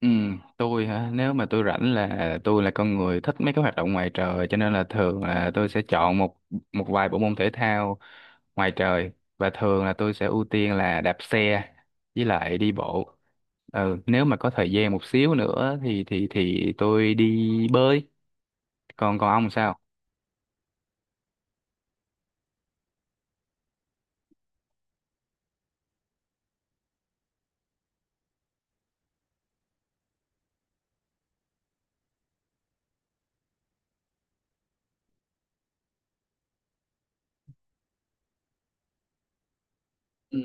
Ừ, tôi hả? Nếu mà tôi rảnh là tôi là con người thích mấy cái hoạt động ngoài trời, cho nên là thường là tôi sẽ chọn một một vài bộ môn thể thao ngoài trời, và thường là tôi sẽ ưu tiên là đạp xe với lại đi bộ. Ừ, nếu mà có thời gian một xíu nữa thì tôi đi bơi. Còn còn ông sao? Ừ,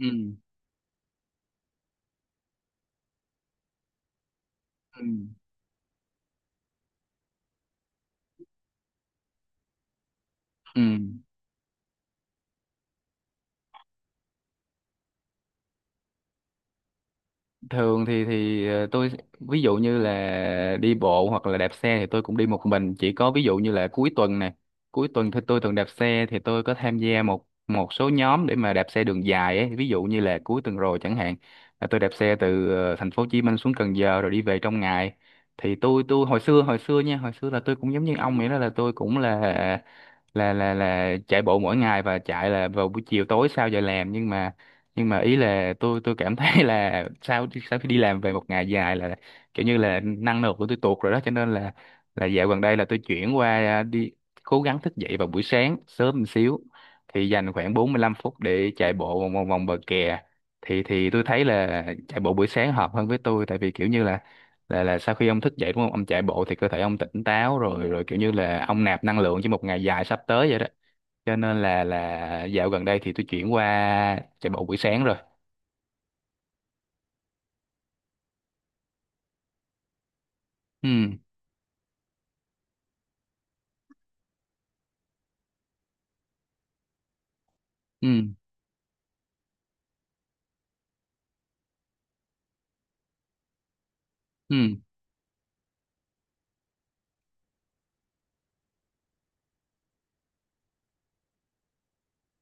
ừ, ừ, ừ. Thường thì tôi, ví dụ như là đi bộ hoặc là đạp xe thì tôi cũng đi một mình, chỉ có ví dụ như là cuối tuần này, cuối tuần thì tôi thường đạp xe, thì tôi có tham gia một một số nhóm để mà đạp xe đường dài ấy. Ví dụ như là cuối tuần rồi chẳng hạn là tôi đạp xe từ thành phố Hồ Chí Minh xuống Cần Giờ rồi đi về trong ngày. Thì tôi hồi xưa, hồi xưa nha, hồi xưa là tôi cũng giống như ông vậy đó, là tôi cũng là chạy bộ mỗi ngày và chạy là vào buổi chiều tối sau giờ làm, nhưng mà ý là tôi cảm thấy là sau sau khi đi làm về một ngày dài là kiểu như là năng lượng của tôi tụt rồi đó, cho nên là dạo gần đây là tôi chuyển qua, đi cố gắng thức dậy vào buổi sáng sớm một xíu, thì dành khoảng 45 phút để chạy bộ vòng vòng vòng bờ kè. Thì tôi thấy là chạy bộ buổi sáng hợp hơn với tôi, tại vì kiểu như là sau khi ông thức dậy đúng không, ông chạy bộ thì cơ thể ông tỉnh táo rồi, kiểu như là ông nạp năng lượng cho một ngày dài sắp tới vậy đó, cho nên là dạo gần đây thì tôi chuyển qua chạy bộ buổi sáng rồi. Ừ, ừ, ừ,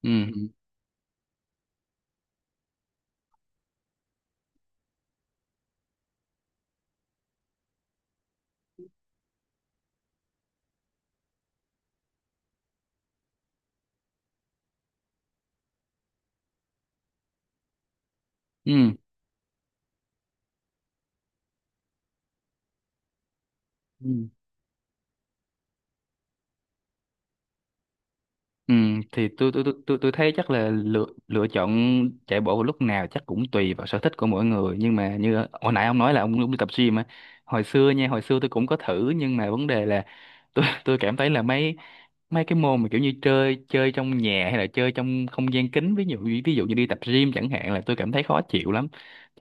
ừ, ừ, ừ, ừ. Ừ, thì tôi thấy chắc là lựa lựa chọn chạy bộ vào lúc nào chắc cũng tùy vào sở thích của mỗi người, nhưng mà như hồi nãy ông nói là ông cũng đi tập gym á. Hồi xưa nha, hồi xưa tôi cũng có thử nhưng mà vấn đề là tôi cảm thấy là mấy mấy cái môn mà kiểu như chơi chơi trong nhà hay là chơi trong không gian kín, ví dụ như đi tập gym chẳng hạn, là tôi cảm thấy khó chịu lắm,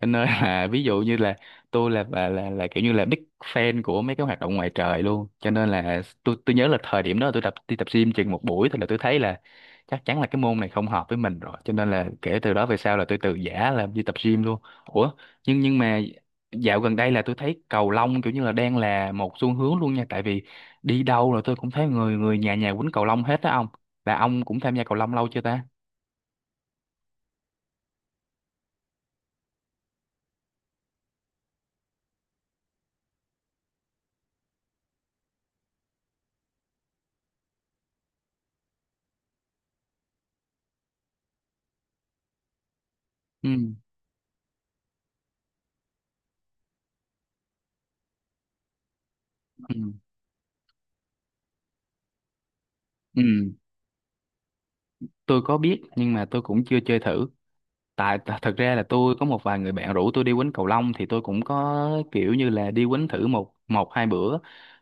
cho nên là ví dụ như là tôi là kiểu như là big fan của mấy cái hoạt động ngoài trời luôn, cho nên là tôi nhớ là thời điểm đó tôi tập đi tập gym chừng một buổi thôi là tôi thấy là chắc chắn là cái môn này không hợp với mình rồi, cho nên là kể từ đó về sau là tôi từ giã là đi tập gym luôn. Ủa, nhưng mà dạo gần đây là tôi thấy cầu lông kiểu như là đang là một xu hướng luôn nha, tại vì đi đâu là tôi cũng thấy người người nhà nhà quýnh cầu lông hết đó ông. Là ông cũng tham gia cầu lông lâu chưa ta? Ừ, ừ, ừ, tôi có biết nhưng mà tôi cũng chưa chơi thử. Tại thật ra là tôi có một vài người bạn rủ tôi đi quýnh cầu lông, thì tôi cũng có kiểu như là đi quýnh thử một một hai bữa.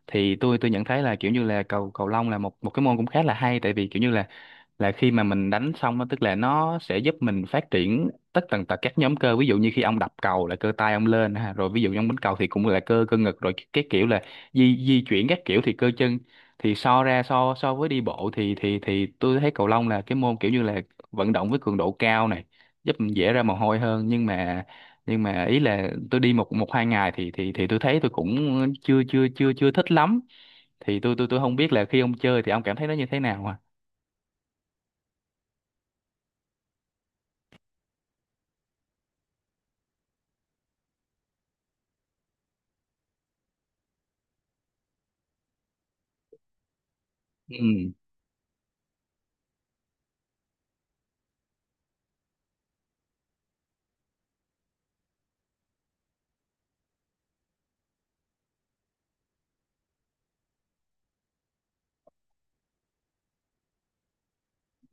Thì tôi nhận thấy là kiểu như là cầu cầu lông là một một cái môn cũng khá là hay, tại vì kiểu như là khi mà mình đánh xong á, tức là nó sẽ giúp mình phát triển tất tần tật các nhóm cơ. Ví dụ như khi ông đập cầu là cơ tay ông lên ha, rồi ví dụ như ông đánh cầu thì cũng là cơ cơ ngực, rồi cái kiểu là di di chuyển các kiểu thì cơ chân. Thì so ra, so so với đi bộ thì tôi thấy cầu lông là cái môn kiểu như là vận động với cường độ cao này, giúp mình dễ ra mồ hôi hơn, nhưng mà ý là tôi đi một một hai ngày thì tôi thấy tôi cũng chưa chưa chưa chưa thích lắm. Thì tôi không biết là khi ông chơi thì ông cảm thấy nó như thế nào à?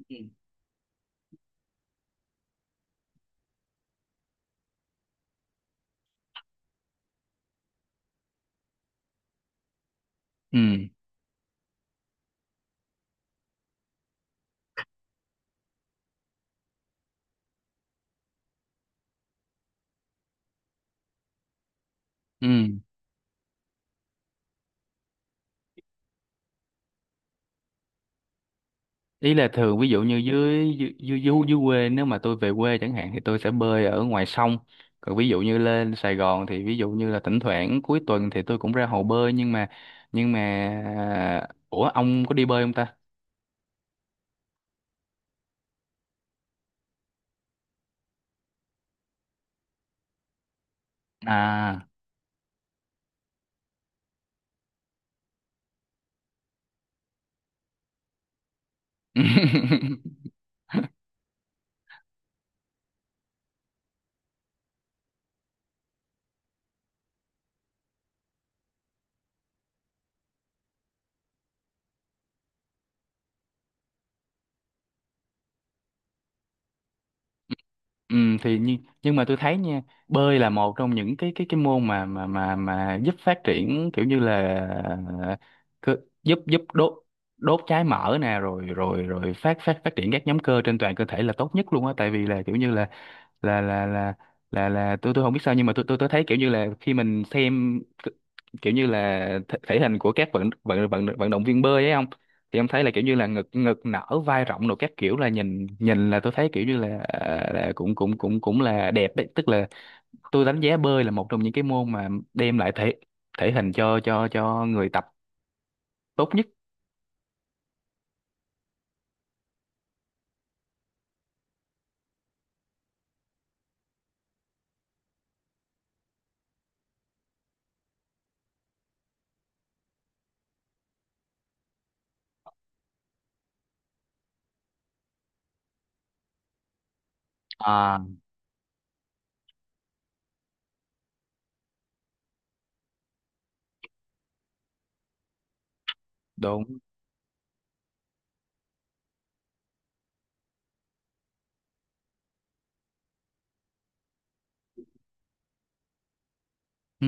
Ừ, ừ, ừ, ý là thường ví dụ như dưới dưới dưới, dưới dưới quê, nếu mà tôi về quê chẳng hạn thì tôi sẽ bơi ở ngoài sông, còn ví dụ như lên Sài Gòn thì ví dụ như là thỉnh thoảng cuối tuần thì tôi cũng ra hồ bơi. Nhưng mà ủa ông có đi bơi không ta? À, ừ, thì nhưng mà tôi thấy nha, bơi là một trong những cái môn mà giúp phát triển kiểu như là ờ, cơ- giúp giúp đốt đốt trái mỡ nè, rồi rồi rồi phát phát phát triển các nhóm cơ trên toàn cơ thể là tốt nhất luôn á, tại vì là kiểu như là là là là tôi không biết sao, nhưng mà tôi thấy kiểu như là khi mình xem kiểu như là thể hình của các vận vận vận vận động viên bơi ấy không, thì em thấy là kiểu như là ngực ngực nở vai rộng, rồi các kiểu là nhìn nhìn là tôi thấy kiểu như là, là cũng cũng cũng cũng là đẹp đấy, tức là tôi đánh giá bơi là một trong những cái môn mà đem lại thể thể hình cho người tập tốt nhất. À, đúng, ừ,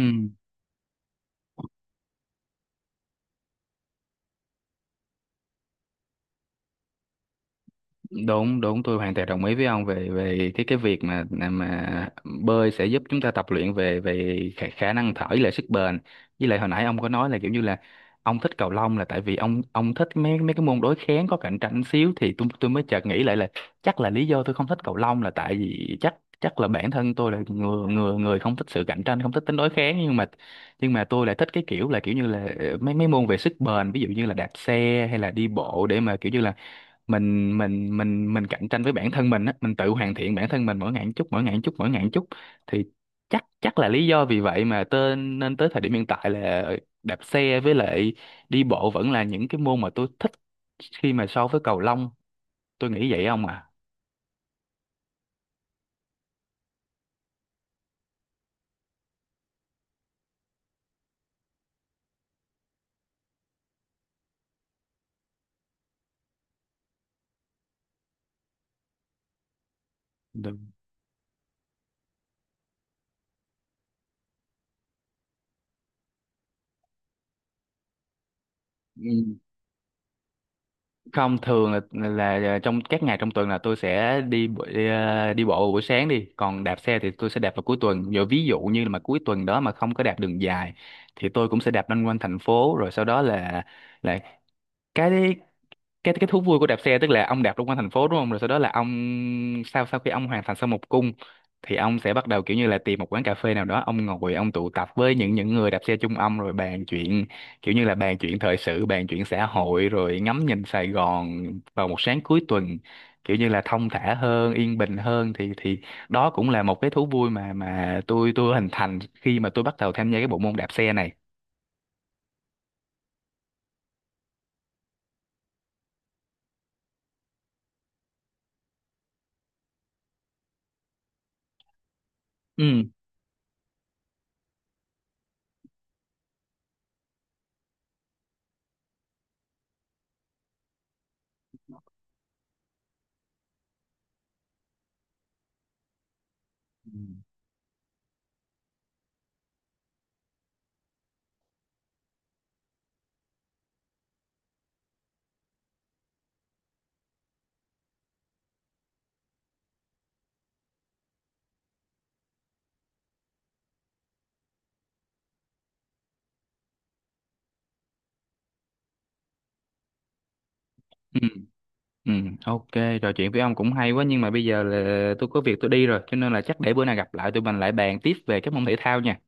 đúng, đúng, tôi hoàn toàn đồng ý với ông về về cái việc mà bơi sẽ giúp chúng ta tập luyện về về khả năng thở với lại sức bền. Với lại hồi nãy ông có nói là kiểu như là ông thích cầu lông là tại vì ông thích mấy mấy cái môn đối kháng có cạnh tranh xíu, thì tôi mới chợt nghĩ lại là chắc là lý do tôi không thích cầu lông là tại vì chắc chắc là bản thân tôi là người người người không thích sự cạnh tranh, không thích tính đối kháng, nhưng mà tôi lại thích cái kiểu là kiểu như là mấy mấy môn về sức bền, ví dụ như là đạp xe hay là đi bộ, để mà kiểu như là mình cạnh tranh với bản thân mình á, mình tự hoàn thiện bản thân mình mỗi ngày một chút, mỗi ngày một chút, mỗi ngày một chút. Thì chắc chắc là lý do vì vậy mà nên tới thời điểm hiện tại là đạp xe với lại đi bộ vẫn là những cái môn mà tôi thích khi mà so với cầu lông. Tôi nghĩ vậy không à? Được. Không, thường là trong các ngày trong tuần là tôi sẽ đi bộ vào buổi sáng đi, còn đạp xe thì tôi sẽ đạp vào cuối tuần giờ. Ví dụ như là mà cuối tuần đó mà không có đạp đường dài thì tôi cũng sẽ đạp loanh quanh thành phố, rồi sau đó là cái cái thú vui của đạp xe, tức là ông đạp trong quanh thành phố đúng không, rồi sau đó là ông sau sau khi ông hoàn thành xong một cung thì ông sẽ bắt đầu kiểu như là tìm một quán cà phê nào đó, ông ngồi, ông tụ tập với những người đạp xe chung ông rồi bàn chuyện, kiểu như là bàn chuyện thời sự, bàn chuyện xã hội rồi ngắm nhìn Sài Gòn vào một sáng cuối tuần kiểu như là thong thả hơn, yên bình hơn. Thì đó cũng là một cái thú vui mà tôi hình thành khi mà tôi bắt đầu tham gia cái bộ môn đạp xe này. Ừ. Ừ. Ừ. Ừ, ok, trò chuyện với ông cũng hay quá, nhưng mà bây giờ là tôi có việc tôi đi rồi, cho nên là chắc để bữa nào gặp lại tụi mình lại bàn tiếp về các môn thể thao nha.